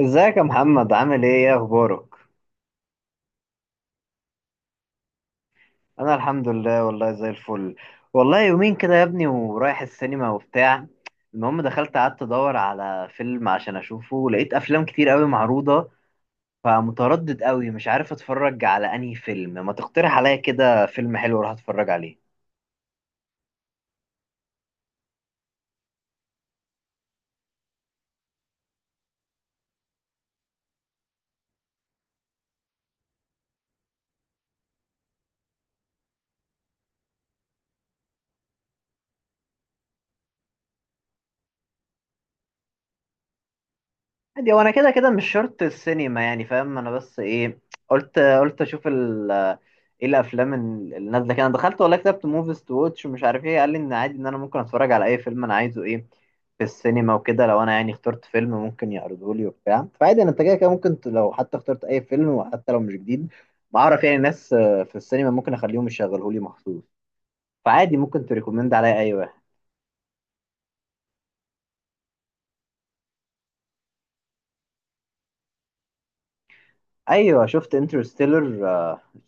ازيك يا محمد، عامل ايه اخبارك؟ انا الحمد لله، والله زي الفل. والله يومين كده يا ابني ورايح السينما وبتاع. المهم دخلت، قعدت ادور على فيلم عشان اشوفه، لقيت افلام كتير قوي معروضة، فمتردد قوي، مش عارف اتفرج على انهي فيلم. ما تقترح عليا كده فيلم حلو اروح اتفرج عليه؟ عادي، هو انا كده كده مش شرط السينما، يعني فاهم، انا بس ايه، قلت اشوف ال ايه الافلام ال- اللي نازله كده. انا دخلت والله، كتبت موفيز تو واتش ومش عارف ايه، قال لي ان عادي ان انا ممكن اتفرج على اي فيلم انا عايزه، ايه في السينما وكده. لو انا يعني اخترت فيلم ممكن يعرضه لي وبتاع، فعادي، انا انت كده كده ممكن لو حتى اخترت اي فيلم وحتى لو مش جديد، بعرف يعني ناس في السينما ممكن اخليهم يشغلهولي مخصوص. فعادي، ممكن تريكومند عليا اي واحد. ايوه، شفت انترستيلر.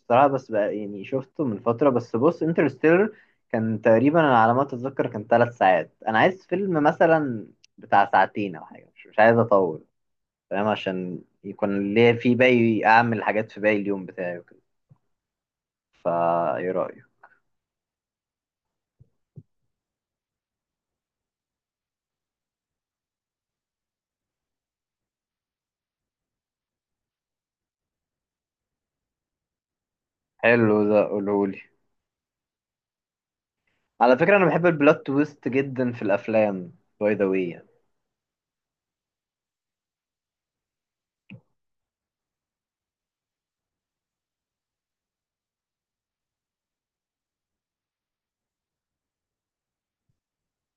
بصراحه بس بقى يعني شفته من فتره. بس بص، انترستيلر كان تقريبا، انا على ما اتذكر كان ثلاث ساعات. انا عايز فيلم مثلا بتاع ساعتين او حاجه، مش عايز اطول، فاهم، عشان يكون ليا في باقي اعمل حاجات في باقي اليوم بتاعي وكده. فا ايه رايك؟ حلو ده، قولولي. على فكره، انا بحب البلوت تويست جدا في الافلام. باي ذا واي،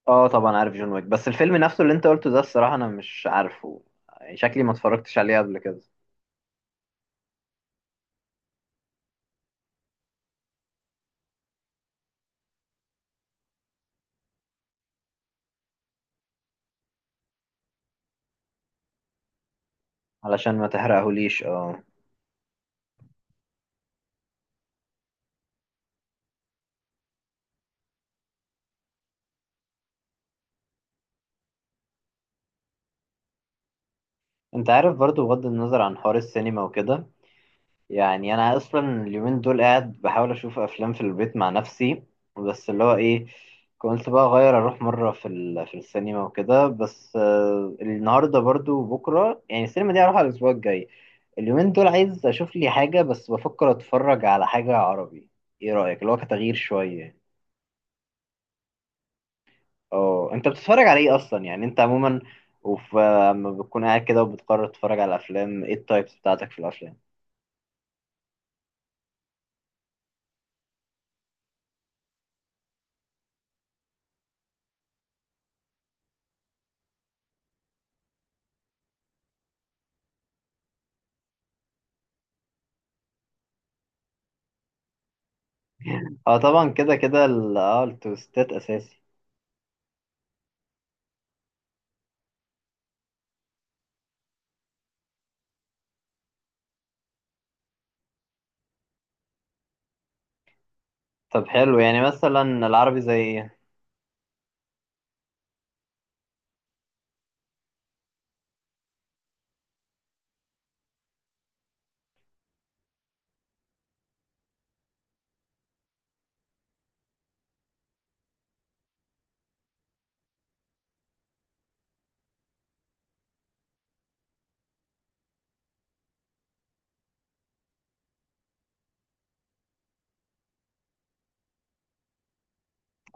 اه طبعا عارف جون ويك، بس الفيلم نفسه اللي انت قلته ده الصراحه انا مش عارفه، يعني شكلي ما اتفرجتش عليه قبل كده. علشان ما تحرقهوليش، اه. انت عارف برضو، بغض النظر عن حوار السينما وكده، يعني انا اصلا اليومين دول قاعد بحاول اشوف افلام في البيت مع نفسي. بس اللي هو ايه، كنت بقى اغير اروح مره في السينما وكده. بس النهارده برضو وبكره، يعني السينما دي هروح على الاسبوع الجاي. اليومين دول عايز اشوف لي حاجه، بس بفكر اتفرج على حاجه عربي. ايه رايك؟ اللي هو كتغيير شويه. اه، انت بتتفرج على ايه اصلا، يعني انت عموما وفي، لما بتكون قاعد كده وبتقرر تتفرج على افلام، ايه التايبس بتاعتك في الافلام؟ اه طبعا كده كده اه التويستات اساسي. طب حلو، يعني مثلا العربي زي ايه؟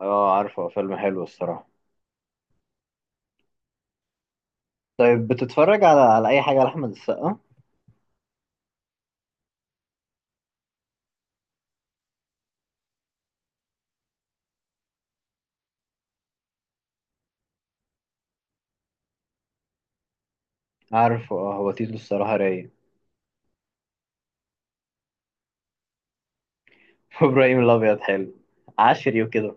اه عارفه، فيلم حلو الصراحه. طيب، بتتفرج على اي حاجه لاحمد السقا؟ عارفه، اه، هو تيتو الصراحه رايق. وابراهيم الابيض حلو، عشري وكده.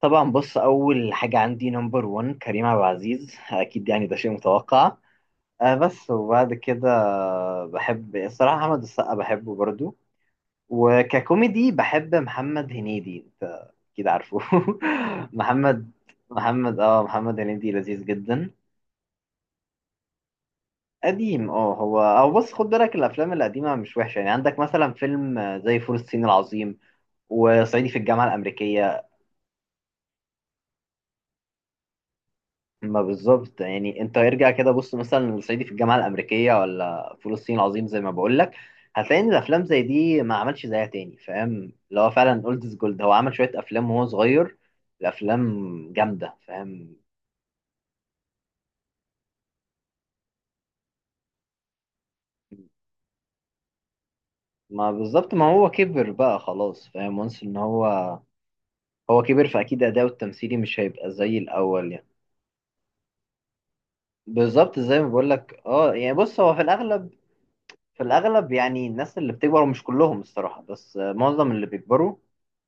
طبعا بص، اول حاجه عندي نمبر 1 كريم عبد العزيز اكيد، يعني ده شيء متوقع. آه بس، وبعد كده بحب الصراحة أحمد السقا، بحبه برضو. وككوميدي بحب محمد هنيدي، أنت أكيد عارفه. محمد محمد هنيدي لذيذ جدا. قديم، اه، هو او بص، خد بالك الأفلام القديمة مش وحشة. يعني عندك مثلا فيلم زي فول الصين العظيم، وصعيدي في الجامعة الأمريكية. ما بالظبط، يعني انت ارجع كده بص مثلا لصعيدي في الجامعه الامريكيه ولا فول الصين العظيم، زي ما بقول لك هتلاقي ان الافلام زي دي ما عملش زيها تاني، فاهم، اللي هو فعلا اولد از جولد. هو عمل شويه افلام وهو صغير، الافلام جامده، فاهم. ما بالظبط، ما هو كبر بقى خلاص، فاهم، وانس ان هو كبر، فاكيد اداؤه التمثيلي مش هيبقى زي الاول يعني. بالظبط، زي ما بقول لك، اه يعني بص، هو في الاغلب، في الاغلب يعني الناس اللي بتكبر مش كلهم الصراحه، بس معظم اللي بيكبروا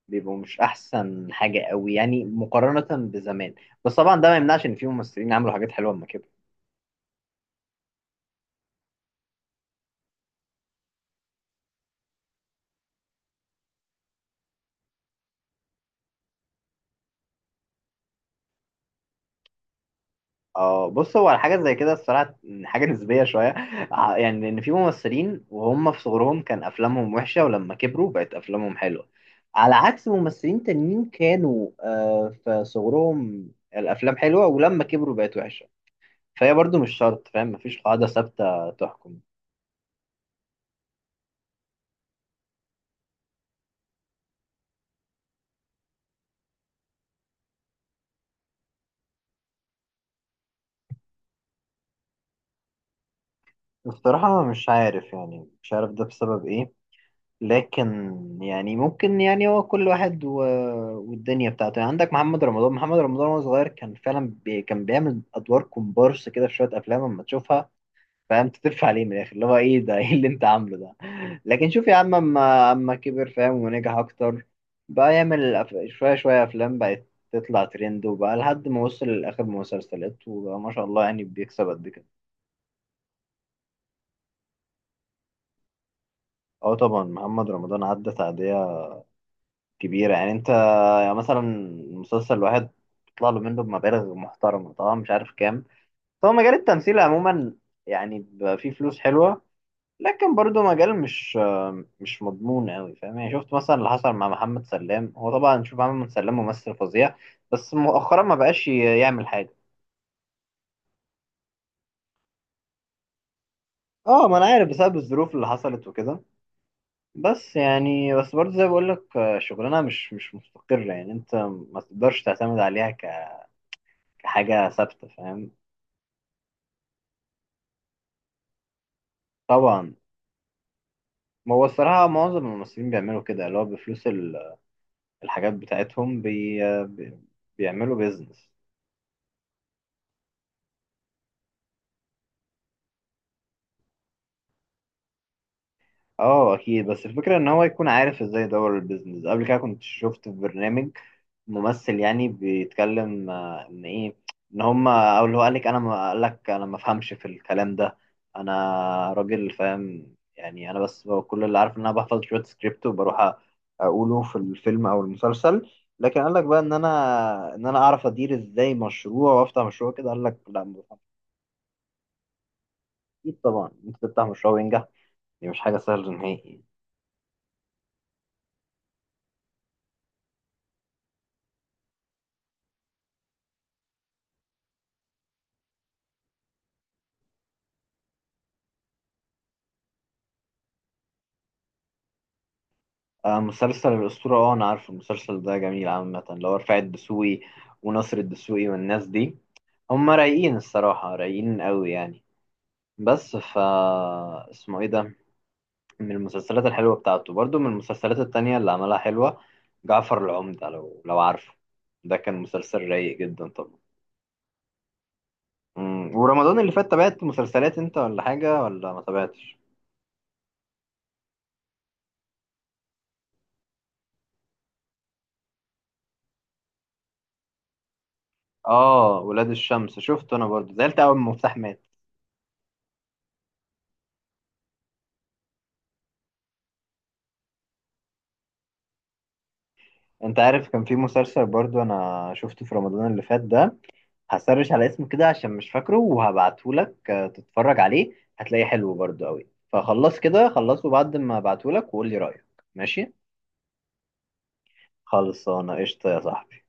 بيبقوا مش احسن حاجه قوي يعني، مقارنه بزمان. بس طبعا ده ما يمنعش ان في ممثلين عملوا حاجات حلوه اما كده. اه بص، هو على حاجه زي كده الصراحه حاجه نسبيه شويه. يعني ان في ممثلين وهم في صغرهم كان افلامهم وحشه ولما كبروا بقت افلامهم حلوه، على عكس ممثلين تانيين كانوا في صغرهم الافلام حلوه ولما كبروا بقت وحشه. فهي برضو مش شرط، فاهم، مفيش قاعده ثابته تحكم. الصراحه مش عارف، يعني مش عارف ده بسبب ايه، لكن يعني ممكن، يعني هو كل واحد و... والدنيا بتاعته. يعني عندك محمد رمضان، محمد رمضان وهو صغير كان فعلا بي... كان بيعمل ادوار كومبارس كده في شويه افلام اما تشوفها، فاهم، تترفع عليه من الاخر، اللي هو ايه ده ايه اللي انت عامله ده. لكن شوف يا عم، اما اما كبر، فاهم، ونجح اكتر، بقى يعمل أف... شويه شويه افلام بقت تطلع ترند، وبقى لحد ما وصل لاخر مسلسلات وبقى ما شاء الله يعني بيكسب قد كده. اه طبعا محمد رمضان عدى تعدية كبيرة. يعني انت، يعني مثلا المسلسل الواحد بيطلع له منه بمبالغ محترمة، طبعا مش عارف كام. هو مجال التمثيل عموما يعني بيبقى فيه فلوس حلوة، لكن برضه مجال مش مضمون قوي، فاهم. يعني شفت مثلا اللي حصل مع محمد سلام، هو طبعا شوف، محمد سلام ممثل فظيع، بس مؤخرا ما بقاش يعمل حاجة. اه ما انا عارف، بسبب الظروف اللي حصلت وكده. بس يعني، بس برضه زي ما بقول لك، شغلانة مش مستقرة، يعني انت ما تقدرش تعتمد عليها كحاجة ثابتة، فاهم. طبعا، ما هو الصراحة معظم الممثلين بيعملوا كده، اللي هو بفلوس الحاجات بتاعتهم بي- بيعملوا بيزنس. اه اكيد، بس الفكره ان هو يكون عارف ازاي يدور البيزنس. قبل كده كنت شفت في برنامج ممثل يعني بيتكلم ان ايه، ان هم او اللي هو قال لك انا ما فهمش في الكلام ده. انا راجل، فاهم، يعني انا بس، هو كل اللي عارف ان انا بحفظ شويه سكريبت وبروح اقوله في الفيلم او المسلسل، لكن قال لك بقى ان انا اعرف ادير ازاي مشروع وافتح مشروع كده، قال لك لا ما بفهمش. اكيد طبعا، انت تفتح مشروع وينجح، دي مش حاجه سهله نهائي. آه، مسلسل الأسطورة، اه أنا عارف المسلسل ده، جميل عامة، اللي هو رفاعي الدسوقي وناصر الدسوقي والناس دي، هم رايقين الصراحة، رايقين قوي يعني. بس اسمه ايه ده، من المسلسلات الحلوة بتاعته. برضو من المسلسلات التانية اللي عملها حلوة، جعفر العمدة لو عارفه. ده كان مسلسل رايق جدا طبعا. مم، ورمضان اللي فات تابعت مسلسلات انت، ولا حاجة ولا ما تابعتش؟ اه ولاد الشمس شفته انا برضو، زعلت اول ما مفتاح مات. انت عارف، كان في مسلسل برضو انا شفته في رمضان اللي فات ده، هسرش على اسمه كده عشان مش فاكره، وهبعته لك تتفرج عليه، هتلاقيه حلو برضو قوي. فخلص كده، خلصه بعد ما ابعته لك وقول لي رأيك. ماشي. خلصانه، قشطة يا صاحبي.